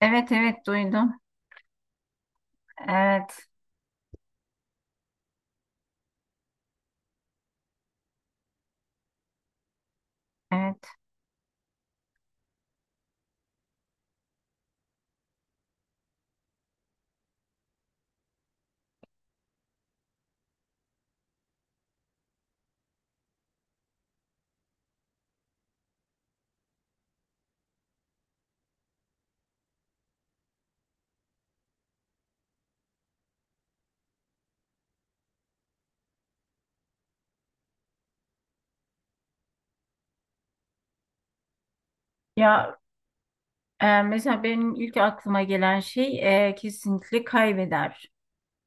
Evet, evet, duydum. Evet, evet. Ya, mesela benim ilk aklıma gelen şey, kesinlikle kaybeder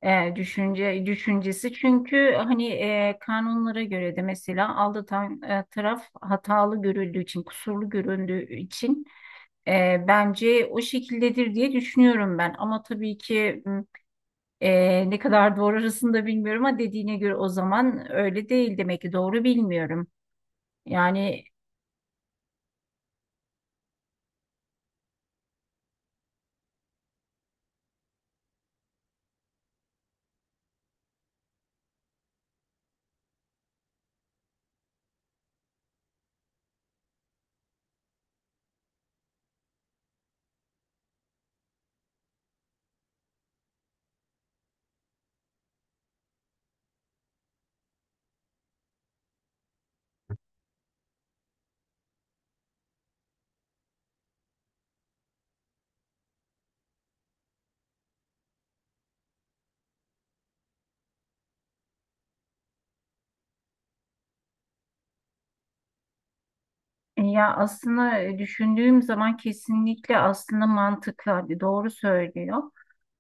düşünce düşüncesi. Çünkü hani, kanunlara göre de mesela aldatan taraf hatalı görüldüğü için, kusurlu göründüğü için, bence o şekildedir diye düşünüyorum ben. Ama tabii ki ne kadar doğru arasında bilmiyorum ama dediğine göre o zaman öyle değil demek ki, doğru bilmiyorum. Yani, ya aslında, düşündüğüm zaman kesinlikle aslında mantıklı, hadi doğru söylüyor.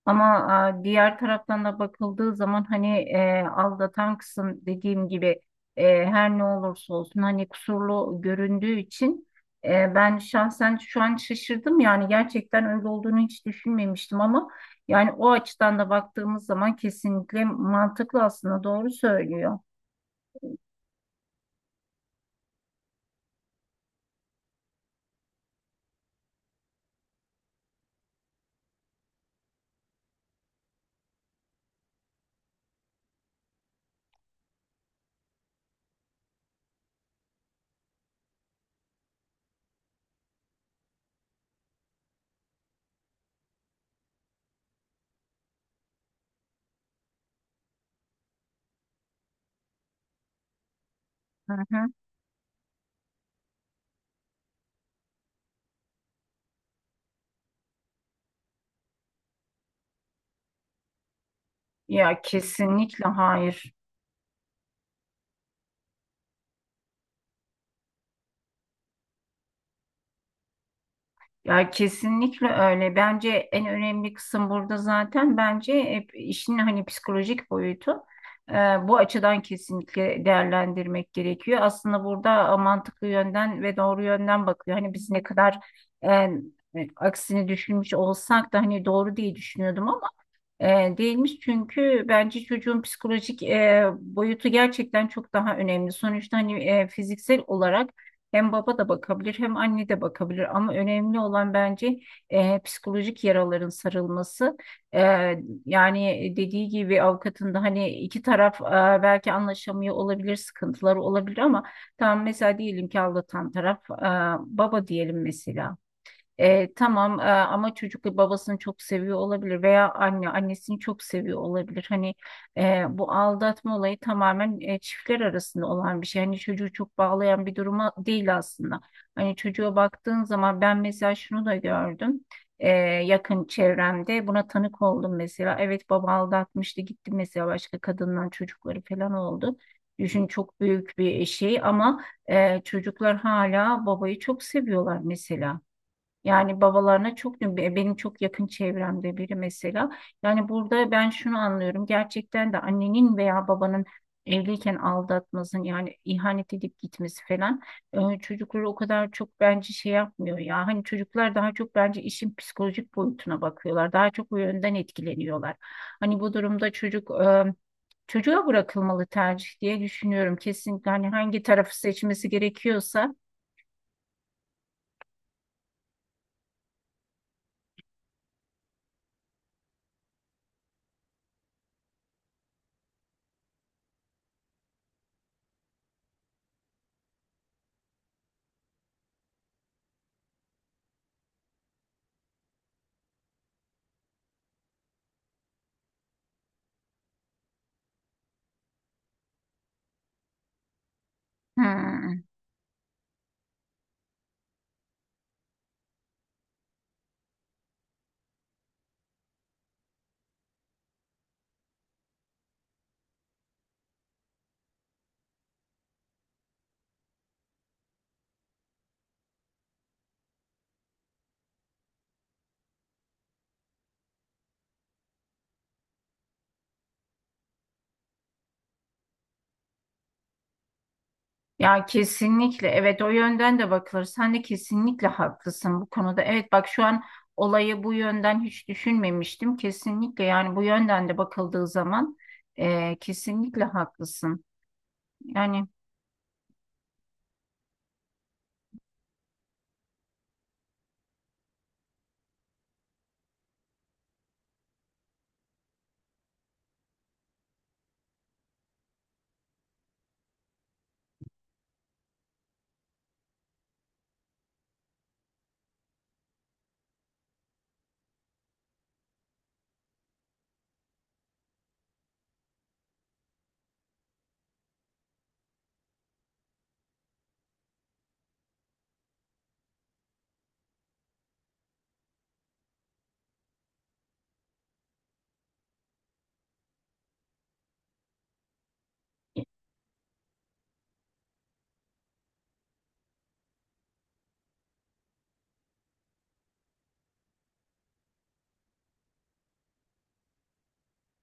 Ama diğer taraftan da bakıldığı zaman, hani, aldatan kısım dediğim gibi, her ne olursa olsun, hani kusurlu göründüğü için, ben şahsen şu an şaşırdım, yani gerçekten öyle olduğunu hiç düşünmemiştim ama yani o açıdan da baktığımız zaman kesinlikle mantıklı, aslında doğru söylüyor. Hı hı. Ya kesinlikle hayır. Ya kesinlikle öyle. Bence en önemli kısım burada, zaten bence hep işin hani psikolojik boyutu. Ee, Bu açıdan kesinlikle değerlendirmek gerekiyor. Aslında burada mantıklı yönden ve doğru yönden bakıyor. Hani biz ne kadar e, aksini düşünmüş olsak da hani doğru diye düşünüyordum, e, değilmiş. Çünkü bence çocuğun psikolojik, boyutu gerçekten çok daha önemli. Sonuçta hani, fiziksel olarak hem baba da bakabilir, hem anne de bakabilir, ama önemli olan bence, psikolojik yaraların sarılması. E, Yani dediği gibi avukatın da, hani iki taraf belki anlaşamıyor olabilir, sıkıntıları olabilir ama tam mesela diyelim ki aldatan taraf, baba diyelim mesela. Tamam ama çocuk babasını çok seviyor olabilir veya anne annesini çok seviyor olabilir. Hani, bu aldatma olayı tamamen çiftler arasında olan bir şey. Hani çocuğu çok bağlayan bir duruma değil aslında. Hani çocuğa baktığın zaman ben mesela şunu da gördüm. e, Yakın çevremde buna tanık oldum mesela. Evet, baba aldatmıştı, gitti mesela, başka kadından çocukları falan oldu. Düşün, çok büyük bir şey ama, çocuklar hala babayı çok seviyorlar mesela. Yani babalarına çok, benim çok yakın çevremde biri mesela. Yani burada ben şunu anlıyorum. Gerçekten de annenin veya babanın evliyken aldatmasın, yani ihanet edip gitmesi falan, çocukları o kadar çok bence şey yapmıyor ya. Hani çocuklar daha çok bence işin psikolojik boyutuna bakıyorlar. Daha çok bu yönden etkileniyorlar. Hani bu durumda çocuk, çocuğa bırakılmalı tercih diye düşünüyorum. Kesinlikle, hani hangi tarafı seçmesi gerekiyorsa. Hmm. Ya kesinlikle, evet, o yönden de bakılır. Sen de kesinlikle haklısın bu konuda. Evet, bak şu an olayı bu yönden hiç düşünmemiştim. Kesinlikle, yani bu yönden de bakıldığı zaman kesinlikle haklısın. Yani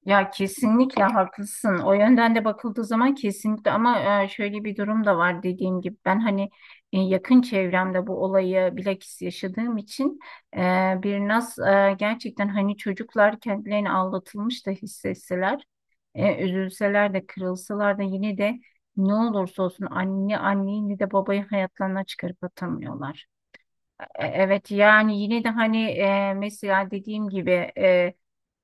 ya kesinlikle haklısın. O yönden de bakıldığı zaman kesinlikle, ama şöyle bir durum da var dediğim gibi. Ben hani, yakın çevremde bu olayı bilakis yaşadığım için, e, gerçekten hani çocuklar kendilerini aldatılmış da hissetseler, üzülseler de, kırılsalar da, yine de ne olursa olsun anne, anneyi de babayı hayatlarına çıkarıp atamıyorlar. Evet, yani yine de hani, mesela dediğim gibi, e,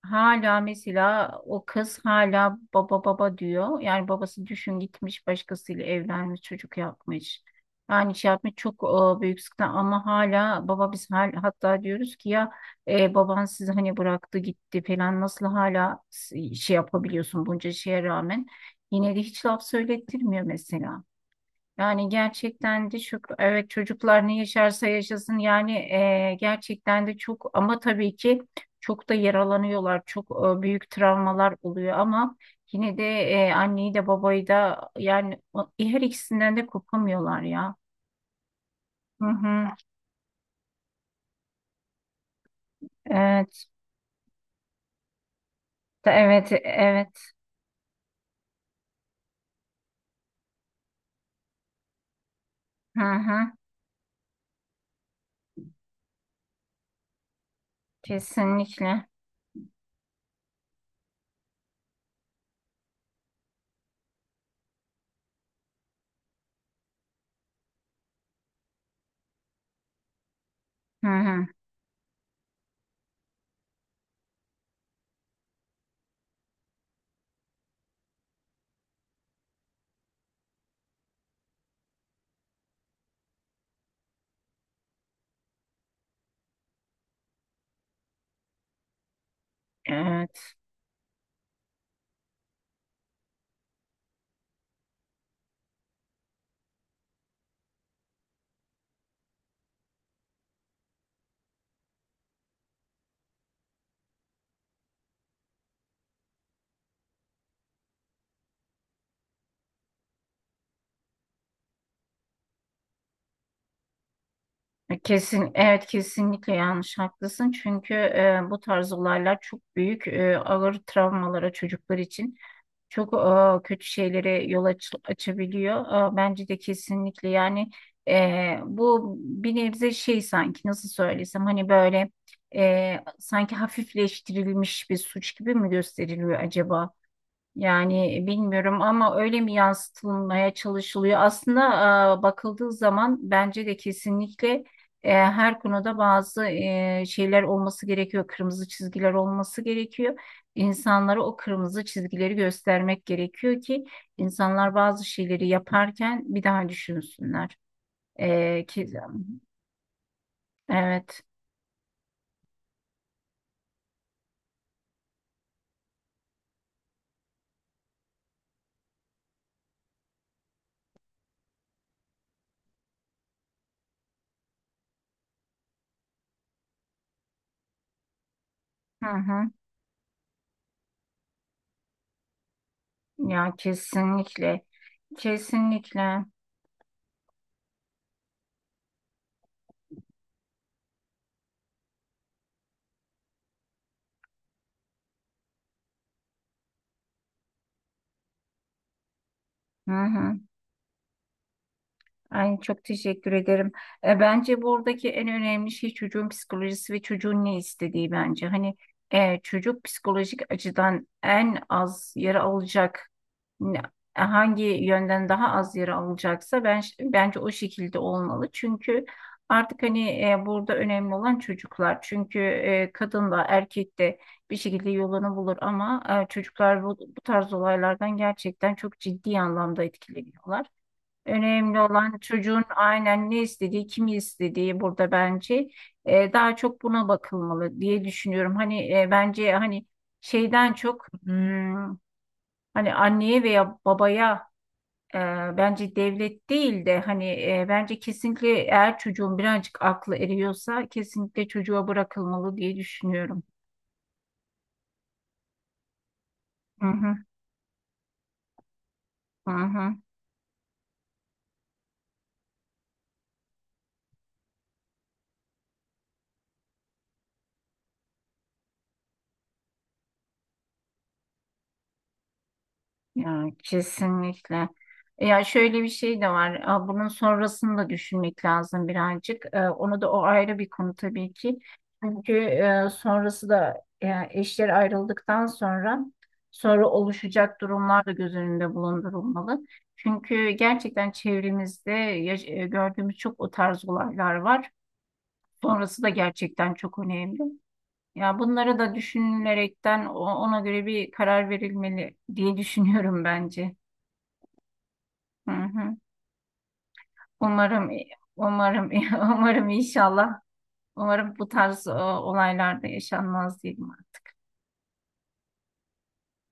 hala mesela o kız hala baba baba diyor. Yani babası düşün, gitmiş başkasıyla evlenmiş, çocuk yapmış. Yani şey yapmış, çok büyük sıkıntı ama hala baba, biz hatta diyoruz ki ya, baban sizi hani bıraktı gitti falan, nasıl hala şey yapabiliyorsun bunca şeye rağmen. Yine de hiç laf söylettirmiyor mesela. Yani gerçekten de çok, evet, çocuklar ne yaşarsa yaşasın yani, gerçekten de çok, ama tabii ki çok da yaralanıyorlar, çok büyük travmalar oluyor ama yine de anneyi de babayı da, yani her ikisinden de kopamıyorlar ya. Hı hı. Evet. Evet, evet. Hı hı. Kesinlikle. Hı hı. Evet. Kesin, evet, kesinlikle yanlış, haklısın, çünkü bu tarz olaylar çok büyük, ağır travmalara, çocuklar için çok kötü şeylere açabiliyor. Bence de kesinlikle, yani bu bir nebze şey, sanki nasıl söylesem, hani böyle, sanki hafifleştirilmiş bir suç gibi mi gösteriliyor acaba? Yani bilmiyorum ama öyle mi yansıtılmaya çalışılıyor? Aslında, bakıldığı zaman bence de kesinlikle, her konuda bazı, şeyler olması gerekiyor. Kırmızı çizgiler olması gerekiyor. İnsanlara o kırmızı çizgileri göstermek gerekiyor ki insanlar bazı şeyleri yaparken bir daha düşünsünler. E, ki, evet. Hı hı. Ya kesinlikle. Kesinlikle. Hı hı. Ay, çok teşekkür ederim. Bence buradaki en önemli şey çocuğun psikolojisi ve çocuğun ne istediği bence. Hani, çocuk psikolojik açıdan en az yara alacak, ne- hangi yönden daha az yara alacaksa, ben bence o şekilde olmalı. Çünkü artık hani, burada önemli olan çocuklar. Çünkü kadın da erkek de bir şekilde yolunu bulur, ama çocuklar bu tarz olaylardan gerçekten çok ciddi anlamda etkileniyorlar. Önemli olan çocuğun, aynen, ne istediği, kimi istediği, burada bence daha çok buna bakılmalı diye düşünüyorum. Hani, bence hani şeyden çok, hmm, hani anneye veya babaya, e, bence devlet değil de hani, bence kesinlikle eğer çocuğun birazcık aklı eriyorsa kesinlikle çocuğa bırakılmalı diye düşünüyorum. Hı hı, hı hı. Ya kesinlikle. Ya şöyle bir şey de var. Aa, bunun sonrasını da düşünmek lazım birazcık. Onu da, o ayrı bir konu tabii ki. Çünkü sonrası da, yani eşler ayrıldıktan sonra oluşacak durumlar da göz önünde bulundurulmalı. Çünkü gerçekten çevremizde gördüğümüz çok o tarz olaylar var. Sonrası da gerçekten çok önemli. Ya bunları da düşünülerekten ona göre bir karar verilmeli diye düşünüyorum bence. Hı hı. Umarım, umarım, umarım inşallah. Umarım bu tarz olaylar da yaşanmaz diyeyim.